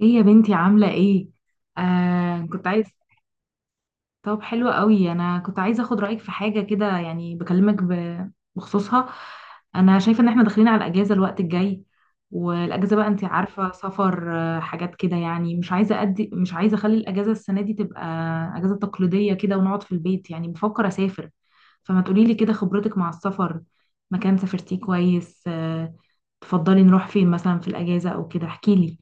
ايه يا بنتي، عاملة ايه؟ آه كنت عايز طب حلو قوي، انا كنت عايزة اخد رأيك في حاجة كده. يعني بكلمك بخصوصها. انا شايفة ان احنا داخلين على الاجازة الوقت الجاي، والاجازة بقى انت عارفة سفر، حاجات كده. يعني مش عايزة اخلي الاجازة السنة دي تبقى اجازة تقليدية كده، ونقعد في البيت. يعني بفكر اسافر، فما تقوليلي كده خبرتك مع السفر، مكان سافرتيه كويس. تفضلي نروح فين مثلا في الاجازة او كده؟ احكيلي.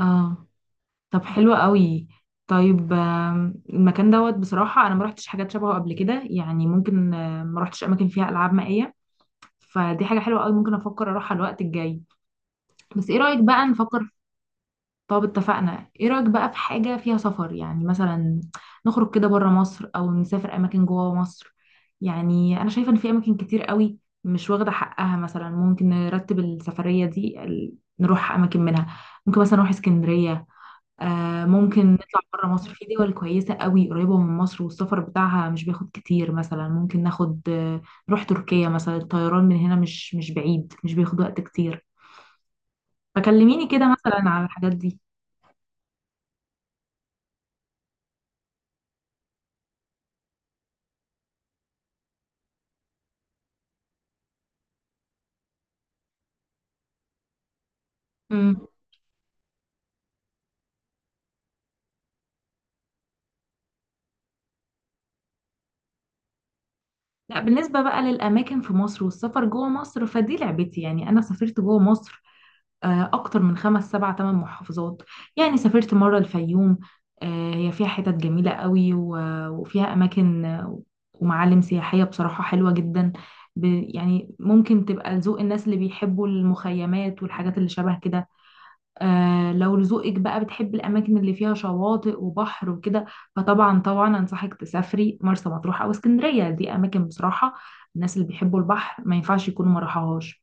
اه، طب حلو قوي. طيب المكان دوت، بصراحة أنا ما رحتش حاجات شبهه قبل كده. يعني ممكن، ما رحتش أماكن فيها ألعاب مائية، فدي حاجة حلوة قوي. ممكن أفكر أروحها الوقت الجاي، بس إيه رأيك بقى نفكر؟ طب اتفقنا. إيه رأيك بقى في حاجة فيها سفر، يعني مثلا نخرج كده بره مصر أو نسافر أماكن جوه مصر؟ يعني أنا شايفة إن في أماكن كتير قوي مش واخدة حقها. مثلا ممكن نرتب السفرية دي نروح أماكن منها. ممكن مثلا نروح اسكندرية. ممكن نطلع بره مصر، في دول كويسة قوي قريبة من مصر والسفر بتاعها مش بياخد كتير. مثلا ممكن ناخد نروح تركيا مثلا، الطيران من هنا مش بعيد، مش بياخد وقت كتير. فكلميني كده مثلا على الحاجات دي. امم لا، بالنسبة بقى للأماكن في مصر والسفر جوه مصر فدي لعبتي. يعني أنا سافرت جوه مصر أكتر من 5 7 8 محافظات. يعني سافرت مرة الفيوم، هي فيها حتت جميلة قوي، وفيها أماكن، ومعالم سياحية بصراحة حلوة جدا. ب- يعني ممكن تبقى لذوق الناس اللي بيحبوا المخيمات والحاجات اللي شبه كده. لو لذوقك بقى بتحب الأماكن اللي فيها شواطئ وبحر وكده، فطبعا طبعا أنصحك تسافري مرسى مطروح أو اسكندرية. دي أماكن بصراحة الناس اللي بيحبوا البحر ما ينفعش يكونوا ما راحوهاش.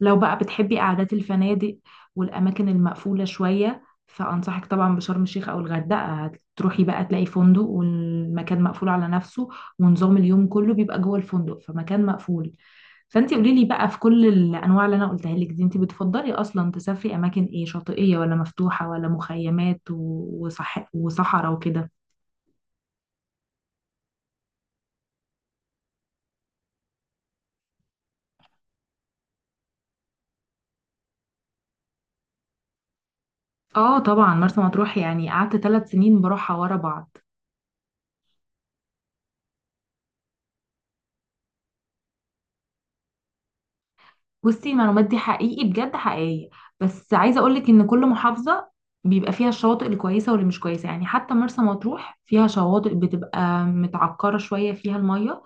لو بقى بتحبي قعدات الفنادق والأماكن المقفولة شوية، فأنصحك طبعا بشرم الشيخ أو الغردقة. هتروحي بقى تلاقي فندق والمكان مقفول على نفسه، ونظام اليوم كله بيبقى جوه الفندق، فمكان مقفول. فأنت قولي لي بقى في كل الأنواع اللي أنا قلتها لك دي، أنت بتفضلي أصلا تسافري أماكن إيه؟ شاطئية ولا مفتوحة ولا مخيمات وصحراء وكده؟ اه طبعا، مرسى مطروح يعني قعدت 3 سنين بروحها ورا بعض. بصي، المعلومات دي حقيقي، بجد حقيقية. بس عايزة اقولك ان كل محافظة بيبقى فيها الشواطئ الكويسة واللي مش كويسة. يعني حتى مرسى مطروح فيها شواطئ بتبقى متعكرة شوية فيها المية،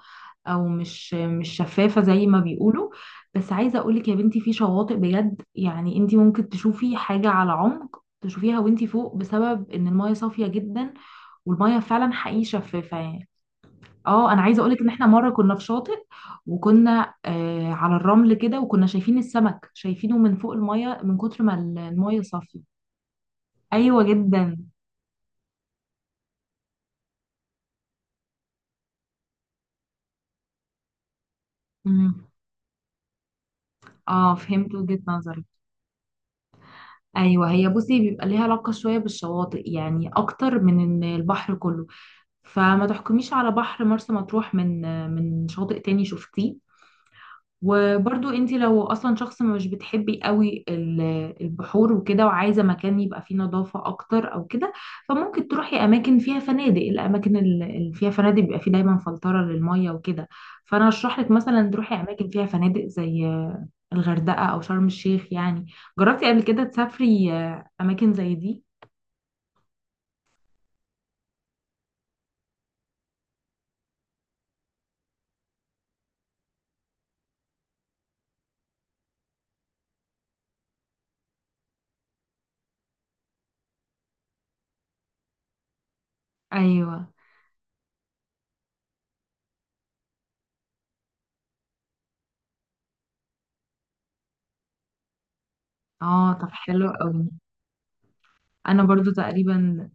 او مش شفافة زي ما بيقولوا. بس عايزة اقولك يا بنتي، في شواطئ بجد يعني انتي ممكن تشوفي حاجة على عمق تشوفيها وانتي فوق، بسبب ان المية صافية جدا والمية فعلا حقيقي شفافة يعني. اه، انا عايزه اقولك ان احنا مره كنا في شاطئ، وكنا على الرمل كده، وكنا شايفين السمك شايفينه من فوق الميه، من كتر ما الميه صافيه. ايوه جدا. امم اه، فهمت وجهه نظرك. ايوه، هي بصي بيبقى ليها علاقه شويه بالشواطئ يعني، اكتر من ان البحر كله. فما تحكميش على بحر مرسى مطروح من شاطئ تاني شفتيه. وبرضو انت لو اصلا شخص مش بتحبي قوي البحور وكده، وعايزه مكان يبقى فيه نظافه اكتر او كده، فممكن تروحي اماكن فيها فنادق. الاماكن اللي فيها فنادق بيبقى فيه دايما فلتره للميه وكده. فانا اشرح لك مثلا تروحي اماكن فيها فنادق زي الغردقه او شرم الشيخ يعني. جربتي قبل كده تسافري اماكن زي دي؟ ايوه، اه، طب حلو قوي. انا برضو تقريبا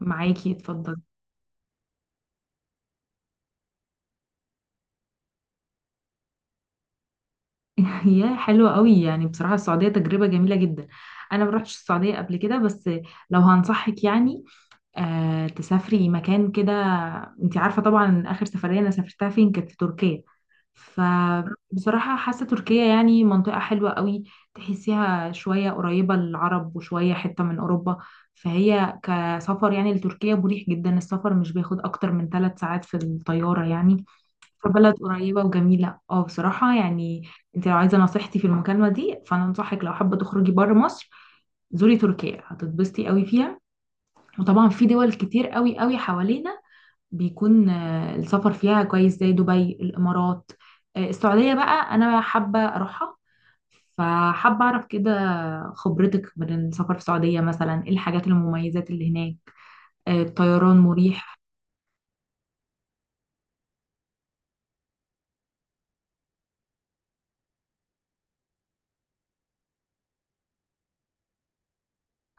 معاكي. اتفضلي. يا حلوة قوي، يعني بصراحة السعودية تجربة جميلة جدا. أنا ما رحتش السعودية قبل كده. بس لو هنصحك يعني تسافري مكان كده، أنت عارفة طبعا آخر سفرية أنا سافرتها فين؟ كانت في تركيا. فبصراحة حاسة تركيا يعني منطقة حلوة قوي. تحسيها شوية قريبة للعرب وشوية حتة من أوروبا. فهي كسفر يعني لتركيا مريح جدا، السفر مش بياخد أكتر من 3 ساعات في الطيارة يعني. في بلد قريبة وجميلة، اه، بصراحة يعني. انت لو عايزة نصيحتي في المكالمة دي، فانا انصحك لو حابة تخرجي بره مصر زوري تركيا، هتتبسطي قوي فيها. وطبعا في دول كتير قوي قوي حوالينا بيكون السفر فيها كويس، زي دبي الامارات. السعودية بقى انا حابة اروحها، فحابة اعرف كده خبرتك من السفر في السعودية، مثلا ايه الحاجات المميزات اللي هناك؟ الطيران مريح؟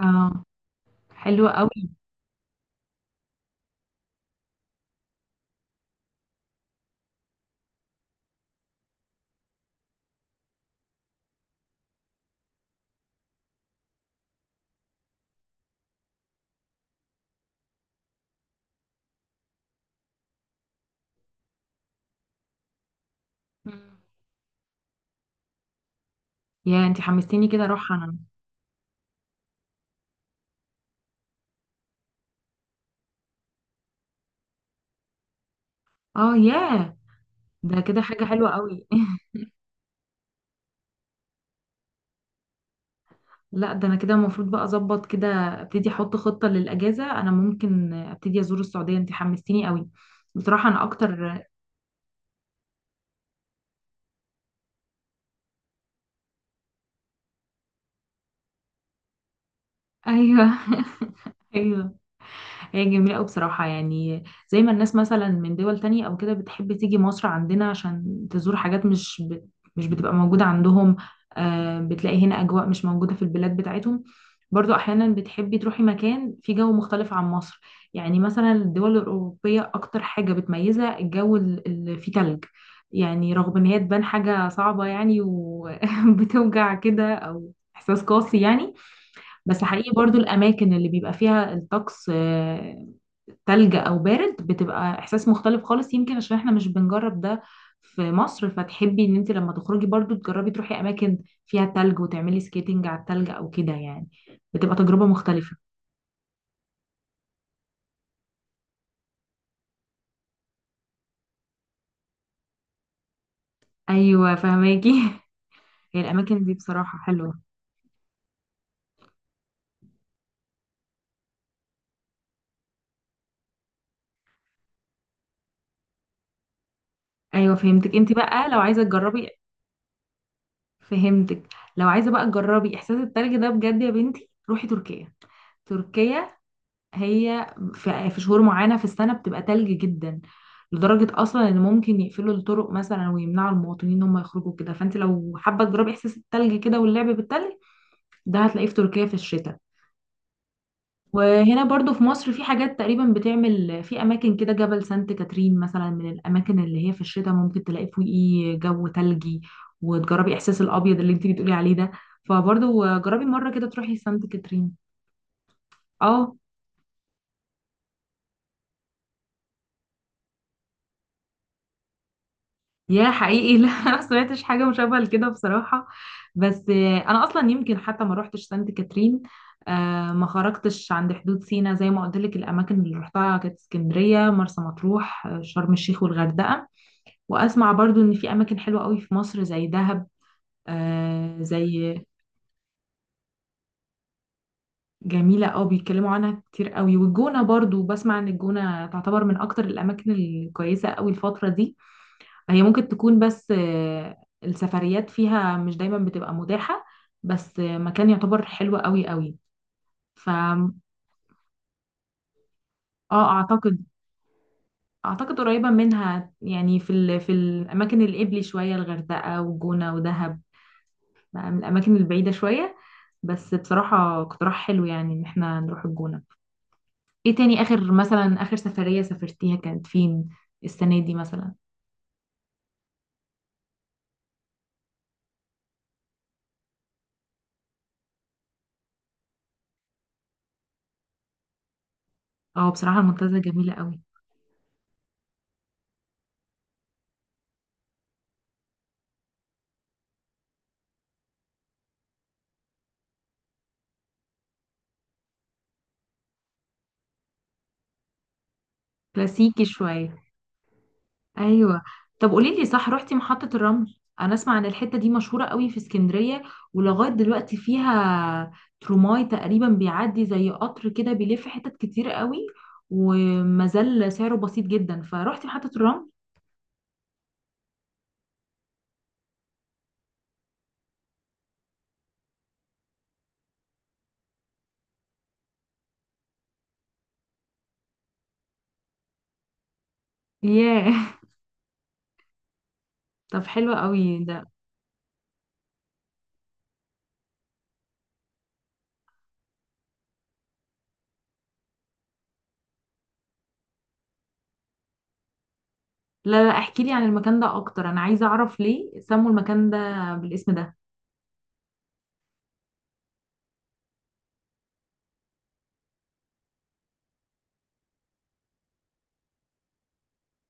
اه، حلو قوي. مم. يا انت حمستيني كده اروح. اه، ياه، ده كده حاجة حلوة قوي. لا، ده انا كده المفروض بقى اظبط كده، ابتدي احط خطة للاجازة. انا ممكن ابتدي ازور السعودية، انت حمستيني قوي بصراحة. انا اكتر. ايوه. ايوه، هي جميلة أوي بصراحة. يعني زي ما الناس مثلا من دول تانية أو كده بتحب تيجي مصر عندنا عشان تزور حاجات مش بتبقى موجودة عندهم، بتلاقي هنا أجواء مش موجودة في البلاد بتاعتهم. برضو أحيانا بتحبي تروحي مكان فيه جو مختلف عن مصر. يعني مثلا الدول الأوروبية أكتر حاجة بتميزها الجو اللي فيه تلج. يعني رغم إن هي تبان حاجة صعبة يعني وبتوجع كده، أو إحساس قاسي يعني، بس حقيقي برضو الأماكن اللي بيبقى فيها الطقس تلج او بارد بتبقى احساس مختلف خالص. يمكن عشان احنا مش بنجرب ده في مصر، فتحبي ان انت لما تخرجي برضو تجربي تروحي اماكن فيها تلج وتعملي سكيتنج على التلج او كده يعني، بتبقى تجربة مختلفة. ايوه فهماكي. هي الاماكن دي بصراحة حلوة. ايوه فهمتك. انت بقى لو عايزة تجربي فهمتك، لو عايزة بقى تجربي احساس التلج ده بجد، يا بنتي روحي تركيا. تركيا هي في شهور معينة في السنة بتبقى تلج جدا، لدرجة أصلا إن ممكن يقفلوا الطرق مثلا ويمنعوا المواطنين إن هم يخرجوا كده. فأنت لو حابة تجربي إحساس التلج كده واللعب بالتلج، ده هتلاقيه في تركيا في الشتاء. وهنا برضو في مصر في حاجات تقريبا بتعمل في أماكن كده. جبل سانت كاترين مثلا من الأماكن اللي هي في الشتاء ممكن تلاقي فوقيه جو تلجي، وتجربي إحساس الأبيض اللي أنت بتقولي عليه ده. فبرضو جربي مرة كده تروحي سانت كاترين. اه، يا حقيقي. لا، ما سمعتش حاجة مشابهة لكده بصراحة. بس أنا أصلا يمكن حتى ما روحتش سانت كاترين، ما خرجتش عند حدود سينا. زي ما قلت لك الأماكن اللي روحتها كانت اسكندرية، مرسى مطروح، شرم الشيخ والغردقة. وأسمع برضو إن في أماكن حلوة قوي في مصر زي دهب، آه، زي جميلة قوي بيتكلموا عنها كتير قوي. والجونة برضو بسمع إن الجونة تعتبر من أكتر الأماكن الكويسة قوي الفترة دي. هي ممكن تكون، بس السفريات فيها مش دايما بتبقى متاحة. بس مكان يعتبر حلو قوي قوي. ف اه اعتقد اعتقد قريبة منها يعني، في الاماكن القبلي شوية الغردقة وجونة ودهب، بقى من الاماكن البعيدة شوية. بس بصراحة اقتراح حلو، يعني ان احنا نروح الجونة. ايه تاني؟ اخر مثلا اخر سفرية سافرتيها كانت فين؟ السنة دي مثلا. اه، بصراحة المنتزه جميلة قوي. كلاسيكي شوية. ايوه. طب قولي لي صح، رحتي محطة الرمل؟ انا اسمع ان الحتة دي مشهورة قوي في اسكندرية، ولغاية دلوقتي فيها تروماي تقريبا بيعدي زي قطر كده بيلف حتت كتير قوي، وما زال سعره بسيط جدا. فروحتي محطة الرمل؟ ياه. طب حلو قوي ده. لا لا، احكي لي عن المكان ده اكتر، انا عايزة اعرف ليه سموا المكان ده بالاسم ده؟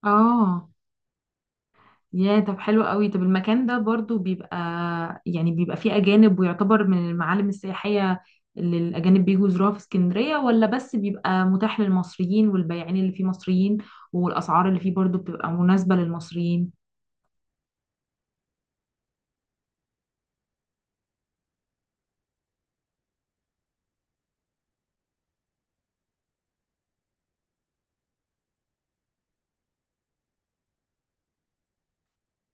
اه، يا طب حلو قوي. طب المكان ده برضو بيبقى، يعني بيبقى فيه أجانب ويعتبر من المعالم السياحية اللي الأجانب بيجوا يزوروها في اسكندرية، ولا بس بيبقى متاح للمصريين والبياعين اللي فيه مصريين، والأسعار اللي فيه برضو بتبقى مناسبة للمصريين؟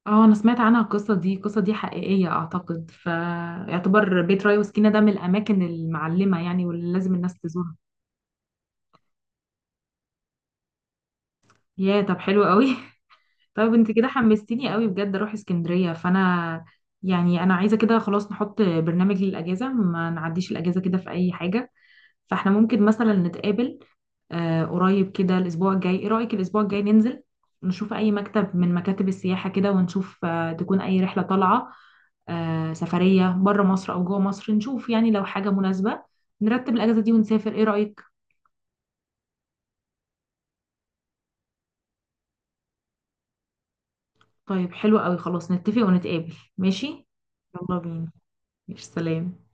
اه، أنا سمعت عنها القصة دي. القصة دي حقيقية أعتقد، فيعتبر بيت راي وسكينة ده من الأماكن المعلمة يعني، واللي لازم الناس تزورها. يا طب حلو قوي. طب انت كده حمستيني قوي بجد اروح اسكندرية. فانا يعني انا عايزة كده خلاص نحط برنامج للاجازة، ما نعديش الاجازة كده في اي حاجة. فاحنا ممكن مثلا نتقابل قريب كده، الاسبوع الجاي. ايه رأيك الاسبوع الجاي ننزل نشوف اي مكتب من مكاتب السياحة كده، ونشوف تكون اي رحلة طالعة سفرية بره مصر او جوه مصر؟ نشوف يعني لو حاجة مناسبة نرتب الاجازة دي ونسافر. ايه رأيك؟ طيب حلو قوي، خلاص نتفق ونتقابل، ماشي؟ يلا بينا. ماشي سلام.